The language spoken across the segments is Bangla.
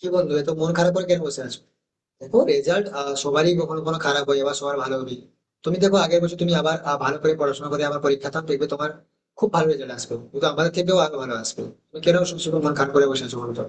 কি বন্ধু, এত মন খারাপ করে কেন বসে আছো? দেখো, রেজাল্ট সবারই কখনো কখনো খারাপ হয়, আবার সবার ভালো হবে। তুমি দেখো, আগের বছর তুমি আবার ভালো করে পড়াশোনা করে আবার পরীক্ষা দাও, দেখবে তোমার খুব ভালো রেজাল্ট আসবে, কিন্তু আমাদের থেকেও আরো ভালো আসবে। তুমি কেন সবসময় মন খারাপ করে বসে আছো বলো তো?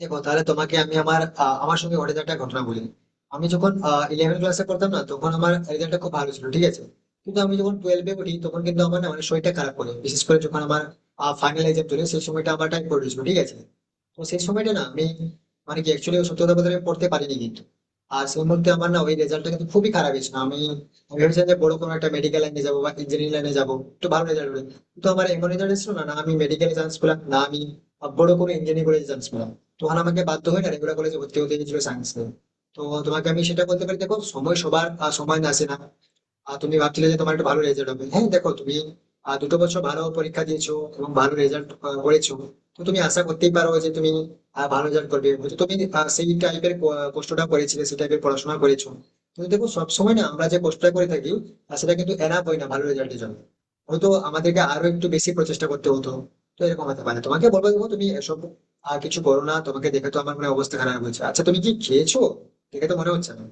দেখো, তাহলে তোমাকে আমি আমার সঙ্গে ঘটে যাওয়া একটা ঘটনা বলি। আমি যখন ইলেভেন ক্লাসে পড়তাম না, তখন আমার রেজাল্টটা খুব ভালো ছিল, ঠিক আছে? কিন্তু আমি যখন টুয়েলভে উঠি, তখন কিন্তু আমার না অনেক শরীরটা খারাপ করে, বিশেষ করে যখন আমার ফাইনাল এক্সাম চলে, সেই সময়টা আমার টাইম পড়েছিল, ঠিক আছে? তো সেই সময়টা না আমি মানে কি, অ্যাকচুয়ালি সত্যি কথা বলতে আমি পড়তে পারিনি, কিন্তু আর সেই মধ্যে আমার না ওই রেজাল্টটা কিন্তু খুবই খারাপ হয়েছিল। আমি আমি ভেবেছিলাম যে বড় কোনো একটা মেডিকেল লাইনে যাবো বা ইঞ্জিনিয়ারিং লাইনে যাবো একটু ভালো রেজাল্ট হলে, কিন্তু আমার এমন রেজাল্ট ছিল না না আমি মেডিকেলে চান্স পেলাম, না আমি বড় কোনো ইঞ্জিনিয়ারিং কলেজে চান্স পেলাম। তখন আমাকে বাধ্য হয়ে না রেগুলার কলেজে ভর্তি হতে গেছিল সায়েন্স নিয়ে। তো তোমাকে আমি সেটা বলতে পারি, দেখো সময় সবার সমান আসে না। আর তুমি ভাবছিলে যে তোমার একটা ভালো রেজাল্ট হবে, হ্যাঁ দেখো তুমি দুটো বছর ভালো পরীক্ষা দিয়েছো এবং ভালো রেজাল্ট করেছো। তো তুমি আশা করতেই পারো যে তুমি ভালো রেজাল্ট করবে। হয়তো তুমি সেই টাইপের কষ্টটা করেছিলে, সেই টাইপের পড়াশোনা করেছো, কিন্তু দেখো সবসময় না আমরা যে কষ্টটা করে থাকি আর সেটা কিন্তু এনাফ হয় না ভালো রেজাল্টের জন্য। হয়তো আমাদেরকে আরো একটু বেশি প্রচেষ্টা করতে হতো। তো এরকম হতে পারে। তোমাকে বলবো, দেখো তুমি এসব আর কিছু করো না, তোমাকে দেখে তো আমার মনে হয় অবস্থা খারাপ হয়েছে। আচ্ছা তুমি কি খেয়েছো? দেখে তো মনে হচ্ছে না।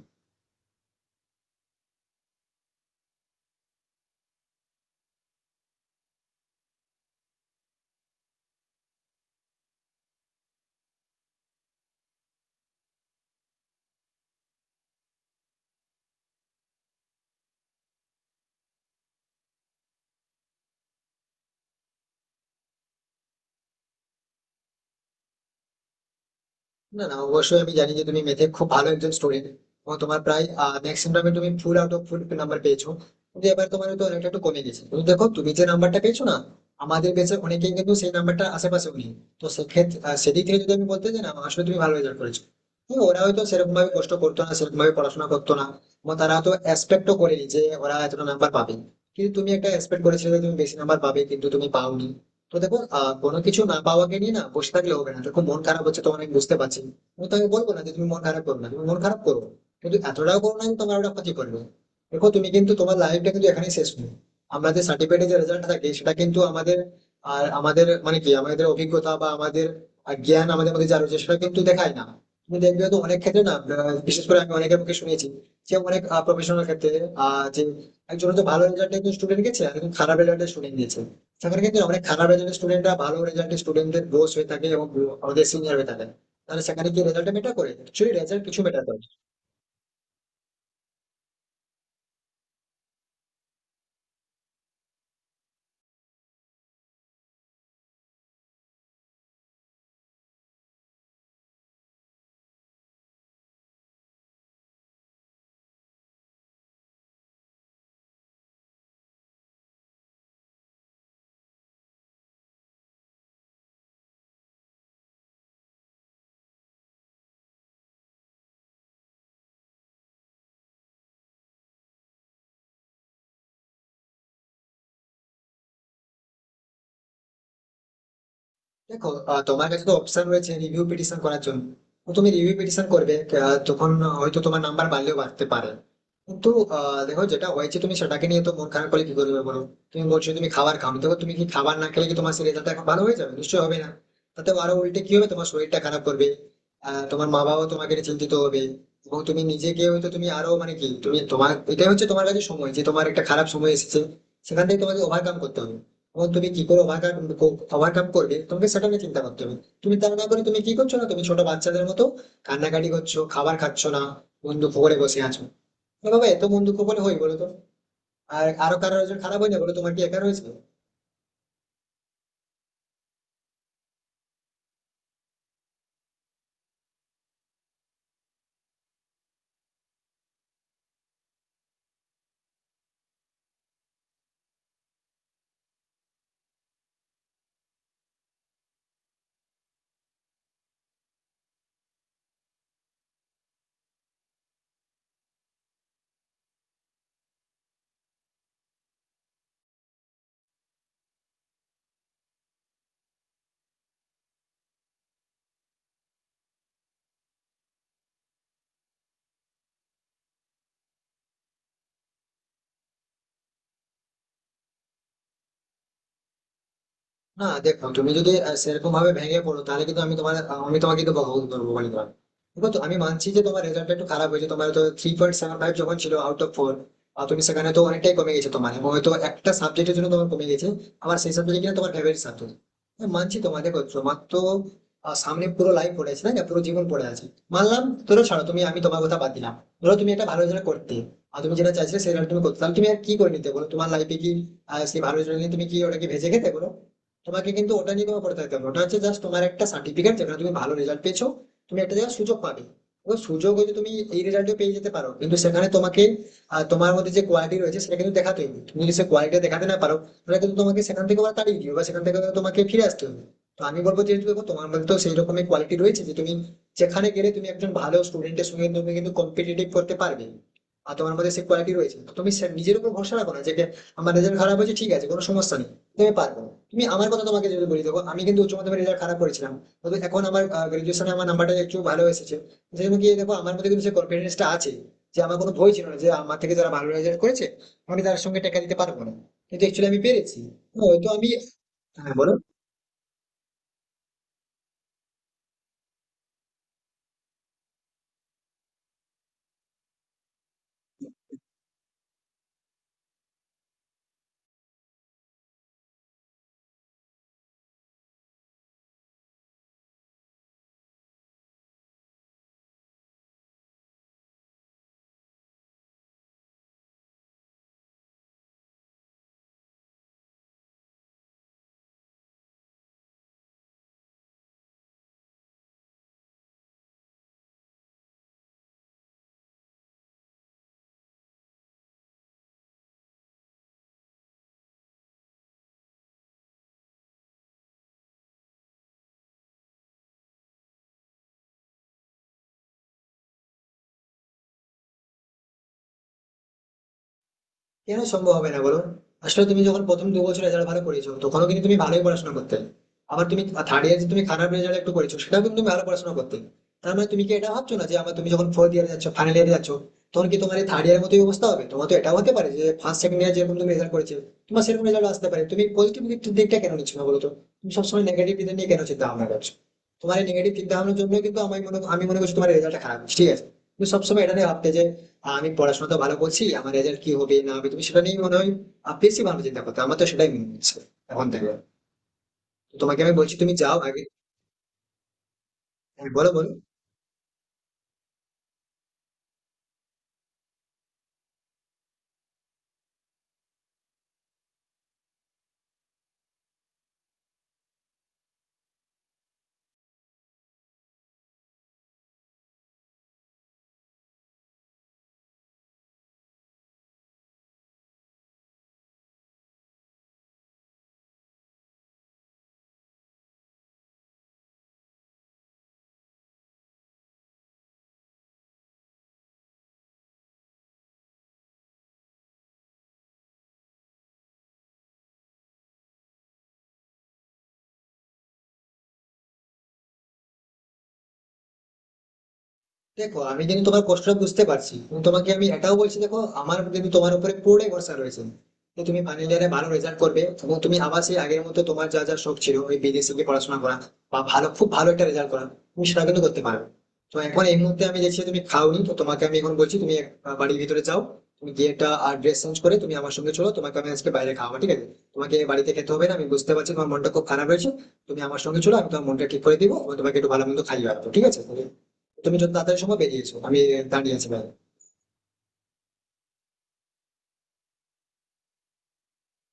না না, অবশ্যই আমি জানি যে তুমি ম্যাথে খুব ভালো একজন স্টুডেন্ট, এবং তোমার প্রায় ম্যাক্সিমাম তুমি full out of full number পেয়েছো। কিন্তু এবার তোমার তো অনেকটা একটু কমে গেছে, কিন্তু দেখো তুমি যে নাম্বারটা পেয়েছো না, আমাদের বেঁচে অনেকেই কিন্তু সেই নাম্বারটা আশেপাশেও নেই। তো সেক্ষেত্রে সেদিক থেকে যদি আমি বলতে যাই না, আসলে তুমি ভালো রেজাল্ট করেছো। হ্যাঁ, ওরা হয়তো সেরকম ভাবে কষ্ট করতো না, সেরকম ভাবে পড়াশোনা করতো না, এবং তারা তো এক্সপেক্টও করেনি যে ওরা এতটা নাম্বার পাবে। কিন্তু তুমি একটা এক্সপেক্ট করেছিলে যে তুমি বেশি নাম্বার পাবে, কিন্তু তুমি পাওনি। তো দেখো কোনো কিছু না পাওয়াকে নিয়ে না বসে থাকলে হবে না। দেখো মন খারাপ হচ্ছে তোমার, আমি বুঝতে পারছি। আমি তোমাকে বলবো না যে তুমি মন খারাপ করো না, তুমি মন খারাপ করো, কিন্তু এতটাও করো না যে তোমার ওটা ক্ষতি করবে। দেখো তুমি কিন্তু, তোমার লাইফটা কিন্তু এখানেই শেষ নেই। আমাদের সার্টিফিকেটে যে রেজাল্ট থাকে সেটা কিন্তু আমাদের আর আমাদের মানে কি, আমাদের অভিজ্ঞতা বা আমাদের জ্ঞান আমাদের মধ্যে যা রয়েছে সেটা কিন্তু দেখায় না। তুমি দেখবে তো অনেক ক্ষেত্রে না, বিশেষ করে আমি অনেকের মুখে শুনেছি যে অনেক প্রফেশনাল ক্ষেত্রে যে একজন তো ভালো রেজাল্ট একজন স্টুডেন্ট গেছে, আর একজন খারাপ রেজাল্টে স্টুডেন্ট দিয়েছে, সেখানে কিন্তু অনেক খারাপ রেজাল্টের স্টুডেন্টরা ভালো রেজাল্টের স্টুডেন্টদের বস হয়ে থাকে এবং আমাদের সিনিয়র হয়ে থাকে। তাহলে সেখানে কি রেজাল্টটা মেটার করে? অ্যাকচুয়ালি রেজাল্ট কিছু মেটার করে? দেখো তোমার কাছে তো অপশন রয়েছে রিভিউ পিটিশন করার জন্য। তো তুমি রিভিউ পিটিশন করবে, তখন হয়তো তোমার নাম্বার বাড়লেও বাড়তে পারে। কিন্তু দেখো যেটা হয়েছে তুমি সেটাকে নিয়ে তো মন খারাপ করে কি করবে বলো? তুমি বলছো তুমি খাবার খাও, দেখো তুমি কি খাবার না খেলে কি তোমার সেই রেজাল্ট এখন ভালো হয়ে যাবে? নিশ্চয়ই হবে না। তাতে আরো উল্টে কি হবে, তোমার শরীরটা খারাপ করবে, তোমার মা বাবাও তোমাকে নিয়ে চিন্তিত হবে, এবং তুমি নিজেকে হয়তো তুমি আরো মানে কি, তুমি তোমার এটাই হচ্ছে তোমার কাছে সময়, যে তোমার একটা খারাপ সময় এসেছে, সেখান থেকে তোমাকে ওভারকাম করতে হবে। এবং তুমি কি করে ওভারকাম ওভারকাম করবে, তোমাকে সেটা নিয়ে চিন্তা করতে হবে। তুমি তা না করে তুমি কি করছো না, তুমি ছোট বাচ্চাদের মতো কান্নাকাটি করছো, খাবার খাচ্ছ না, বন্ধু খবরে বসে আছো। আরে বাবা, এত বন্ধু খবরে হয় বলো তো? আর আরো কারোর একজন খারাপ হয় না বলো, তোমার কি একা রয়েছে? না দেখো, তুমি যদি সেরকম ভাবে ভেঙে পড়ো, তাহলে কিন্তু আমি তোমার আমি তোমাকে কিন্তু বকাবকি করবো বলে দিলাম। দেখো তো, আমি মানছি যে তোমার রেজাল্ট একটু খারাপ হয়েছে, তোমার তো 3.75 যখন ছিল আউট অফ ফোর, আর তুমি সেখানে তো অনেকটাই কমে গেছে তোমার, এবং হয়তো একটা সাবজেক্টের জন্য তোমার কমে গেছে, আমার সেই সাবজেক্টে কিনা তোমার ফেভারিট সাবজেক্ট। মানছি তোমার, দেখো তোমার তো সামনে পুরো লাইফ পড়ে আছে, তাই না? পুরো জীবন পড়ে আছে। মানলাম, ধরো ছাড়ো তুমি, আমি তোমার কথা বাদ দিলাম। ধরো তুমি একটা ভালো রেজাল্ট করতে, আর তুমি যেটা চাইছিলে সেটা তুমি করতে, তাহলে তুমি আর কি করে নিতে বলো তোমার লাইফে? কি সেই ভালো রেজাল্ট নিয়ে তুমি কি ওটাকে ভেজে খেতে বলো? তোমাকে কিন্তু ওটা নিয়ে কোনো পড়ে থাকতে হবে না। ওটা হচ্ছে জাস্ট তোমার একটা সার্টিফিকেট যেখানে তুমি ভালো রেজাল্ট পেয়েছো। তুমি একটা জায়গায় সুযোগ পাবে। ওই সুযোগ হয়তো তুমি এই রেজাল্টে পেয়ে যেতে পারো, কিন্তু সেখানে তোমাকে তোমার মধ্যে যে কোয়ালিটি রয়েছে সেটা কিন্তু দেখাতে হবে। তুমি যদি সে কোয়ালিটি দেখাতে না পারো, তাহলে কিন্তু তোমাকে সেখান থেকে আবার তাড়িয়ে দিবে, বা সেখান থেকে তোমাকে ফিরে আসতে হবে। তো আমি বলবো, যেহেতু দেখো তোমার মধ্যে তো সেই রকমের কোয়ালিটি রয়েছে যে তুমি যেখানে গেলে তুমি একজন ভালো স্টুডেন্টের সঙ্গে তুমি কিন্তু কম্পিটিটিভ করতে পারবে, আর তোমার মধ্যে সেই কোয়ালিটি রয়েছে, তো তুমি নিজের উপর ভরসা রাখো। না যে আমার রেজাল্ট খারাপ হয়েছে, ঠিক আছে কোনো সমস্যা নেই, তুমি পারবে। তুমি আমার কথা তোমাকে যদি বলি, দেখো আমি কিন্তু উচ্চ মাধ্যমিক রেজাল্ট খারাপ করেছিলাম, তবে এখন আমার গ্রাজুয়েশনে আমার নাম্বারটা একটু ভালো এসেছে। সেই জন্য গিয়ে দেখো, আমার মধ্যে কিন্তু সেই কনফিডেন্সটা আছে, যে আমার কোনো ভয় ছিল না যে আমার থেকে যারা ভালো রেজাল্ট করেছে আমি তার সঙ্গে টেকা দিতে পারবো না, কিন্তু অ্যাকচুয়ালি আমি পেরেছি। তো হয়তো আমি হ্যাঁ বলো। কেন সম্ভব হবে না বলো? আসলে তুমি যখন প্রথম 2 বছর রেজাল্ট ভালো করেছো, তখনও কিন্তু তুমি ভালোই পড়াশোনা করতে। আবার তুমি থার্ড ইয়ার তুমি খারাপ রেজাল্ট একটু করেছো, সেটাও কিন্তু তুমি ভালো পড়াশোনা করতে। তার মানে তুমি কি এটা ভাবছো না যে আমার তুমি যখন ফোর্থ ইয়ারে যাচ্ছ, ফাইনাল ইয়ারে যাচ্ছ, তখন কি তোমার এই থার্ড ইয়ারের মতোই অবস্থা হবে? তোমার তো এটাও হতে পারে যে ফার্স্ট সেকেন্ড ইয়ার যেরকম তুমি রেজাল্ট করেছো তোমার সেরকম রেজাল্ট আসতে পারে। তুমি পজিটিভ দিকটা কেন নিচ্ছ না বলো তো? তুমি সবসময় নেগেটিভ দিকটা নিয়ে কেন চিন্তা ভাবনা করছো? তোমার এই নেগেটিভ চিন্তা ভাবনার জন্য কিন্তু আমি মনে করছি তোমার রেজাল্টটা খারাপ হচ্ছে, ঠিক আছে? তুমি সবসময় এটা নিয়ে ভাবতে যে আমি পড়াশোনা তো ভালো করছি, আমার রেজাল্ট কি হবে না হবে তুমি সেটা নিয়ে মনে হয় বেশি ভালো চিন্তা করতে, আমার তো সেটাই মনে হচ্ছে এখন থেকে। তো তোমাকে আমি বলছি তুমি যাও আগে। হ্যাঁ, বলো বলো দেখো আমি কিন্তু তোমার কষ্টটা বুঝতে পারছি, এবং তোমাকে আমি এটাও বলছি, দেখো আমার কিন্তু তোমার উপরে পুরোটাই ভরসা রয়েছে, যে তুমি ফাইনাল ইয়ারে ভালো রেজাল্ট করবে এবং তুমি আবার সেই আগের মতো তোমার যা যা শখ ছিল, ওই বিদেশে গিয়ে পড়াশোনা করা বা ভালো খুব ভালো একটা রেজাল্ট করা, তুমি সেটা কিন্তু করতে পারো। তো এখন এই মুহূর্তে আমি দেখছি তুমি খাওনি, তো তোমাকে আমি এখন বলছি তুমি বাড়ির ভিতরে যাও, তুমি গিয়ে একটা ড্রেস চেঞ্জ করে তুমি আমার সঙ্গে চলো, তোমাকে আমি আজকে বাইরে খাওয়া ঠিক আছে? তোমাকে বাড়িতে খেতে হবে না, আমি বুঝতে পারছি তোমার মনটা খুব খারাপ হয়েছে। তুমি আমার সঙ্গে চলো, আমি তোমার মনটা ঠিক করে দিবো এবং তোমাকে একটু ভালো মন্দ খাইয়ে রাখবো, ঠিক আছে? তুমি যত তাড়াতাড়ি সময় বেরিয়েছো, আমি দাঁড়িয়ে আছি ভাই।